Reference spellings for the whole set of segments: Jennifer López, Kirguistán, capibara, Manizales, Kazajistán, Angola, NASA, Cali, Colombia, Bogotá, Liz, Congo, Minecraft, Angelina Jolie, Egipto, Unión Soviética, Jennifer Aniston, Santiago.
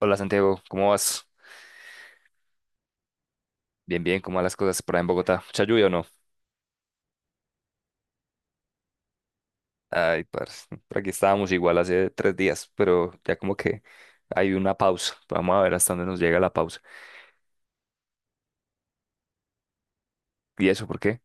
Hola Santiago, ¿cómo vas? Bien, bien, ¿cómo van las cosas por ahí en Bogotá? ¿Mucha lluvia o no? Ay, parce, por aquí estábamos igual hace 3 días, pero ya como que hay una pausa. Vamos a ver hasta dónde nos llega la pausa. ¿Y eso por qué?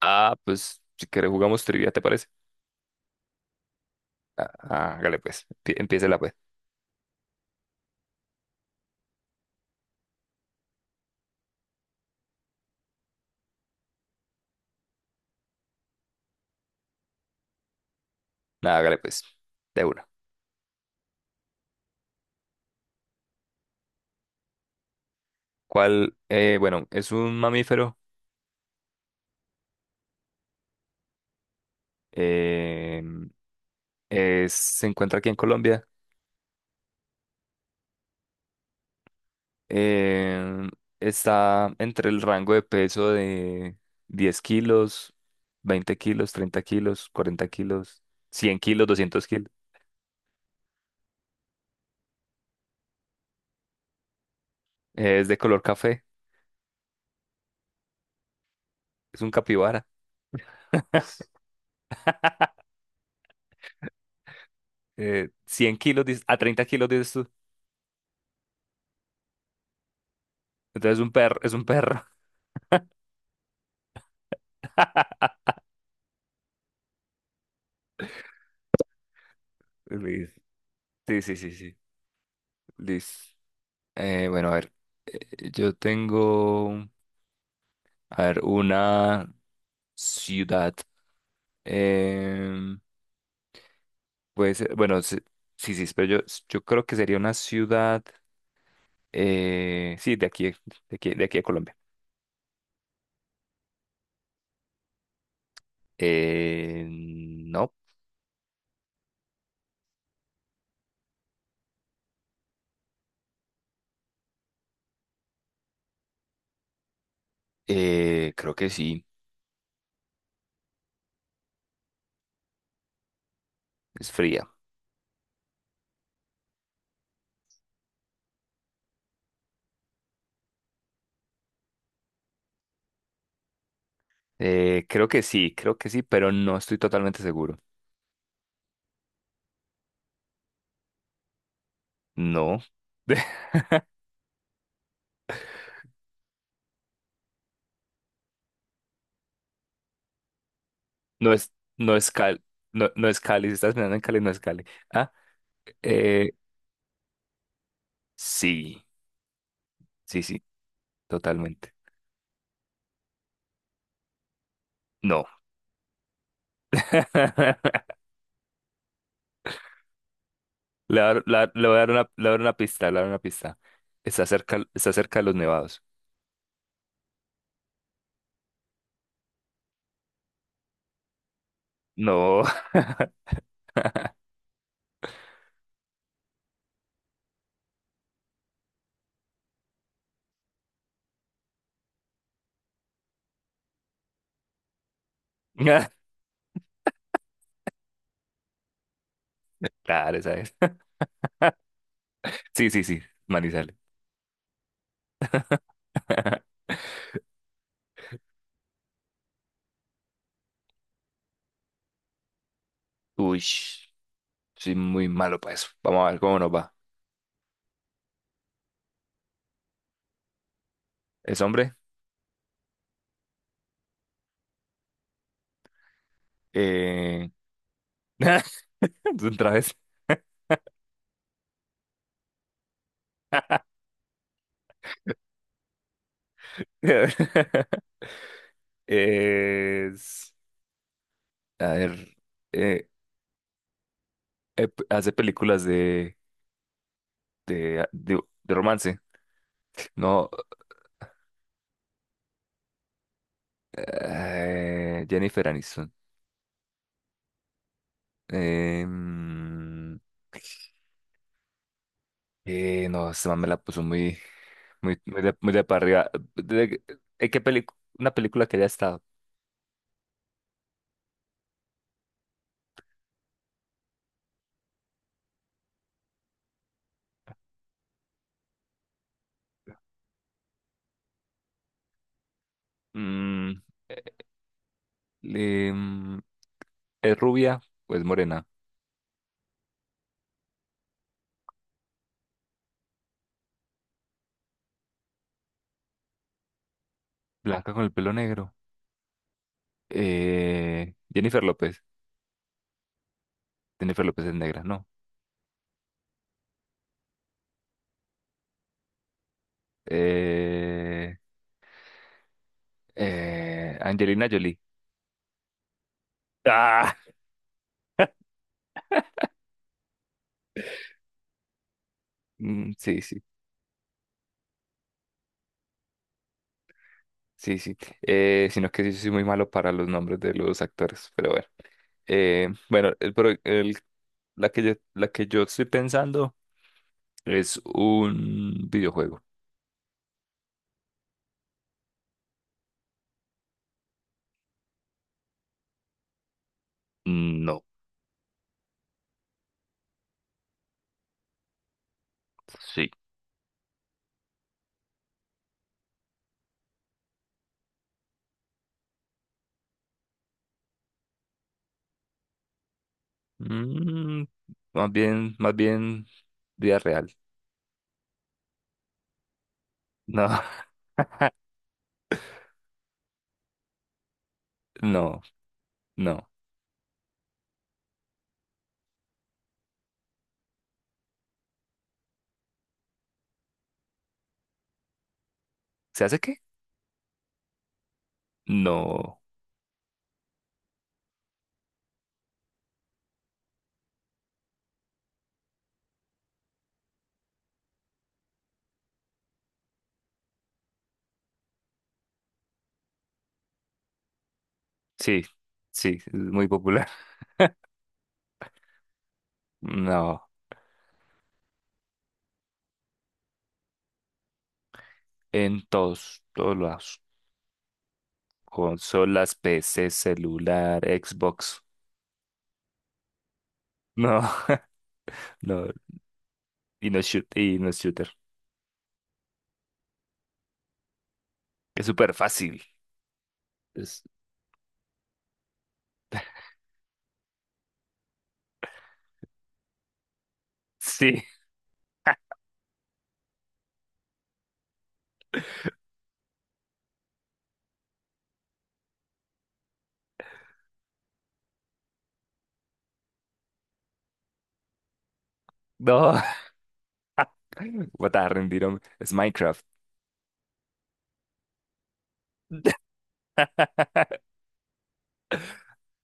Ah, pues si quieres jugamos trivia, ¿te parece? Ah, hágale pues, empiécela pues. Nada, hágale pues, de una. ¿Cuál? Bueno, es un mamífero. eh, se encuentra aquí en Colombia. Em, Está entre el rango de peso de 10 kilos, 20 kilos, 30 kilos, 40 kilos, 100 kilos, 200 kilos. Es de color café, es un capibara. 100 kilos, a 30 kilos dices tú. Entonces es un perro, es un perro. Liz. Sí, sí, sí, sí. Liz. Bueno, a ver, yo tengo, a ver, una ciudad. Em, Puede ser, bueno, sí, sí, pero yo creo que sería una ciudad, sí, de aquí, de aquí a Colombia. No, creo que sí, es fría. Creo que sí, creo que sí, pero no estoy totalmente seguro. No, no es, no es Cali, no, no es Cali, si estás mirando en Cali, no es Cali. Ah, eh, sí, sí, sí, totalmente. No. Le voy a dar una pista, está cerca de los nevados. No. Claro, esa es. Sí, sí, sí. Manizales. Uy, soy muy malo para eso. Vamos a ver cómo nos va. ¿Es hombre? Eh... Otra vez. Es. A ver. eh, Hace películas de, de romance. No. Jennifer Aniston. Em, no, esta man me la puso muy, muy, muy de para arriba. De- Una película que ya está. Mm, em, ¿Es rubia o es morena? Blanca con el pelo negro. Jennifer López. Jennifer López es negra, no. Eh, Angelina Jolie. Ah, sí, sí, sí, sí. Sino que sí sí, soy muy malo para los nombres de los actores, pero bueno. Bueno, la que yo estoy pensando es un videojuego. No, sí. Mm, Más bien, más bien vida real. No, no, no. ¿Se hace qué? No. Sí, sí, es muy popular. No, en todos, todos lados. Consolas, PC celular, Xbox. No. No, y no es shooter. Es súper fácil. Es- Sí. No. Voy a rendir, hombre. Es Minecraft.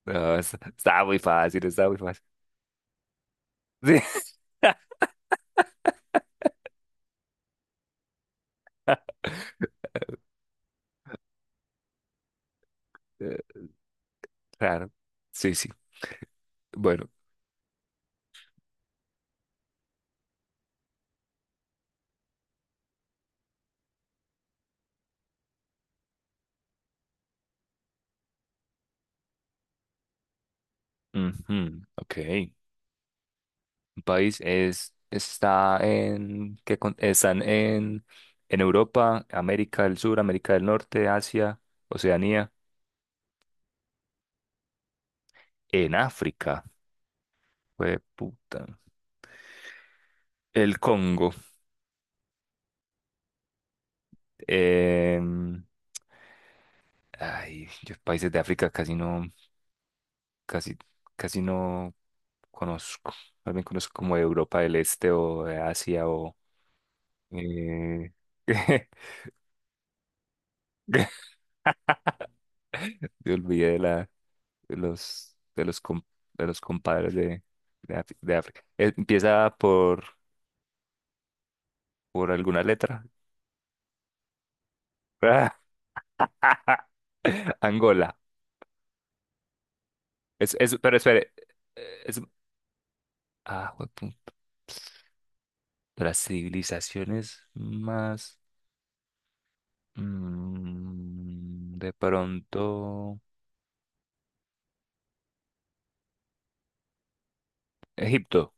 No, está muy fácil, está muy fácil. Sí. Eh, Claro. Sí, sí. Bueno. Ujú, ok. Un país está en, están en, Europa, América del Sur, América del Norte, Asia, Oceanía, en África. Fue puta. El Congo. Em, Ay, yo países de África casi no, casi, casi no conozco. Más bien conozco como de Europa del Este o de Asia, o eh, me olvidé de la de los com- de los compadres de África. Empieza por alguna letra. Ah, Angola. Pero espere. Es, ah, de las civilizaciones más. De pronto, Egipto.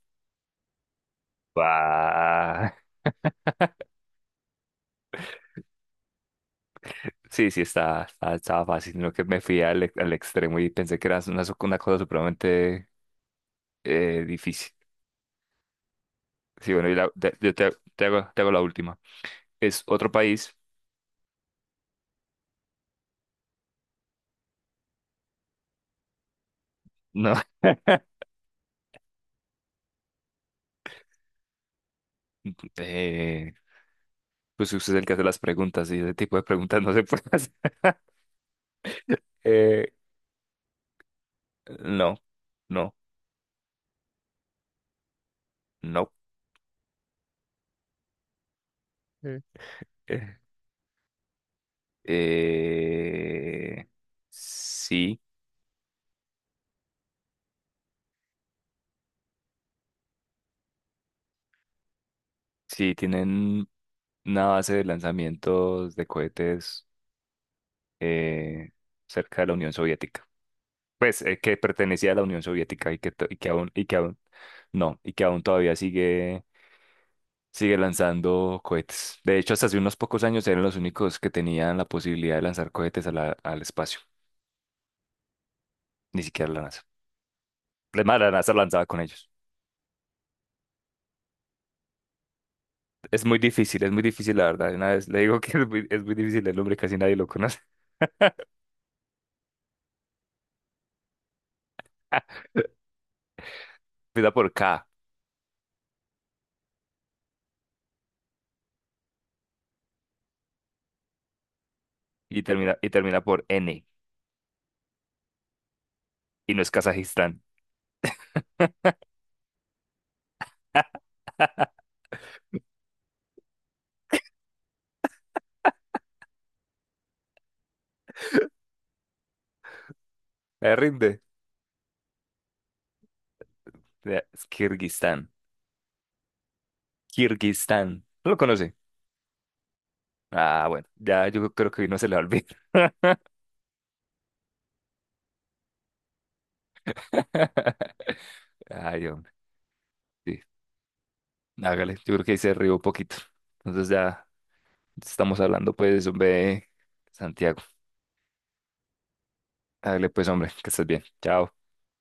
Ah, sí, sí, estaba fácil, sino que me fui al extremo y pensé que era una cosa supremamente difícil. Sí, bueno, y la- te- yo te, te hago la última. ¿Es otro país? No. Eh, pues usted es el que hace las preguntas y ese tipo de preguntas no se puede hacer. Eh, no, no, no. Mm. Eh, eh, sí. Sí, tienen una base de lanzamientos de cohetes eh, cerca de la Unión Soviética. Pues que pertenecía a la Unión Soviética y no, y que aún todavía sigue lanzando cohetes. De hecho, hasta hace unos pocos años eran los únicos que tenían la posibilidad de lanzar cohetes al espacio, ni siquiera la NASA. Además, la NASA lanzaba con ellos. Es muy difícil, la verdad. Una vez le digo que es muy difícil el nombre, casi nadie lo conoce. Empieza por K. Y termina por N, y no es Kazajistán. Me rinde. Ya, es Kirguistán. Kirguistán. ¿No lo conoce? Ah, bueno, ya yo creo que hoy no se le va a olvidar. Ay, hombre. Sí, hágale. Yo creo que ahí se rió un poquito. Entonces ya estamos hablando, pues, hombre, Santiago. Hágale, pues, hombre, que estés bien. Chao.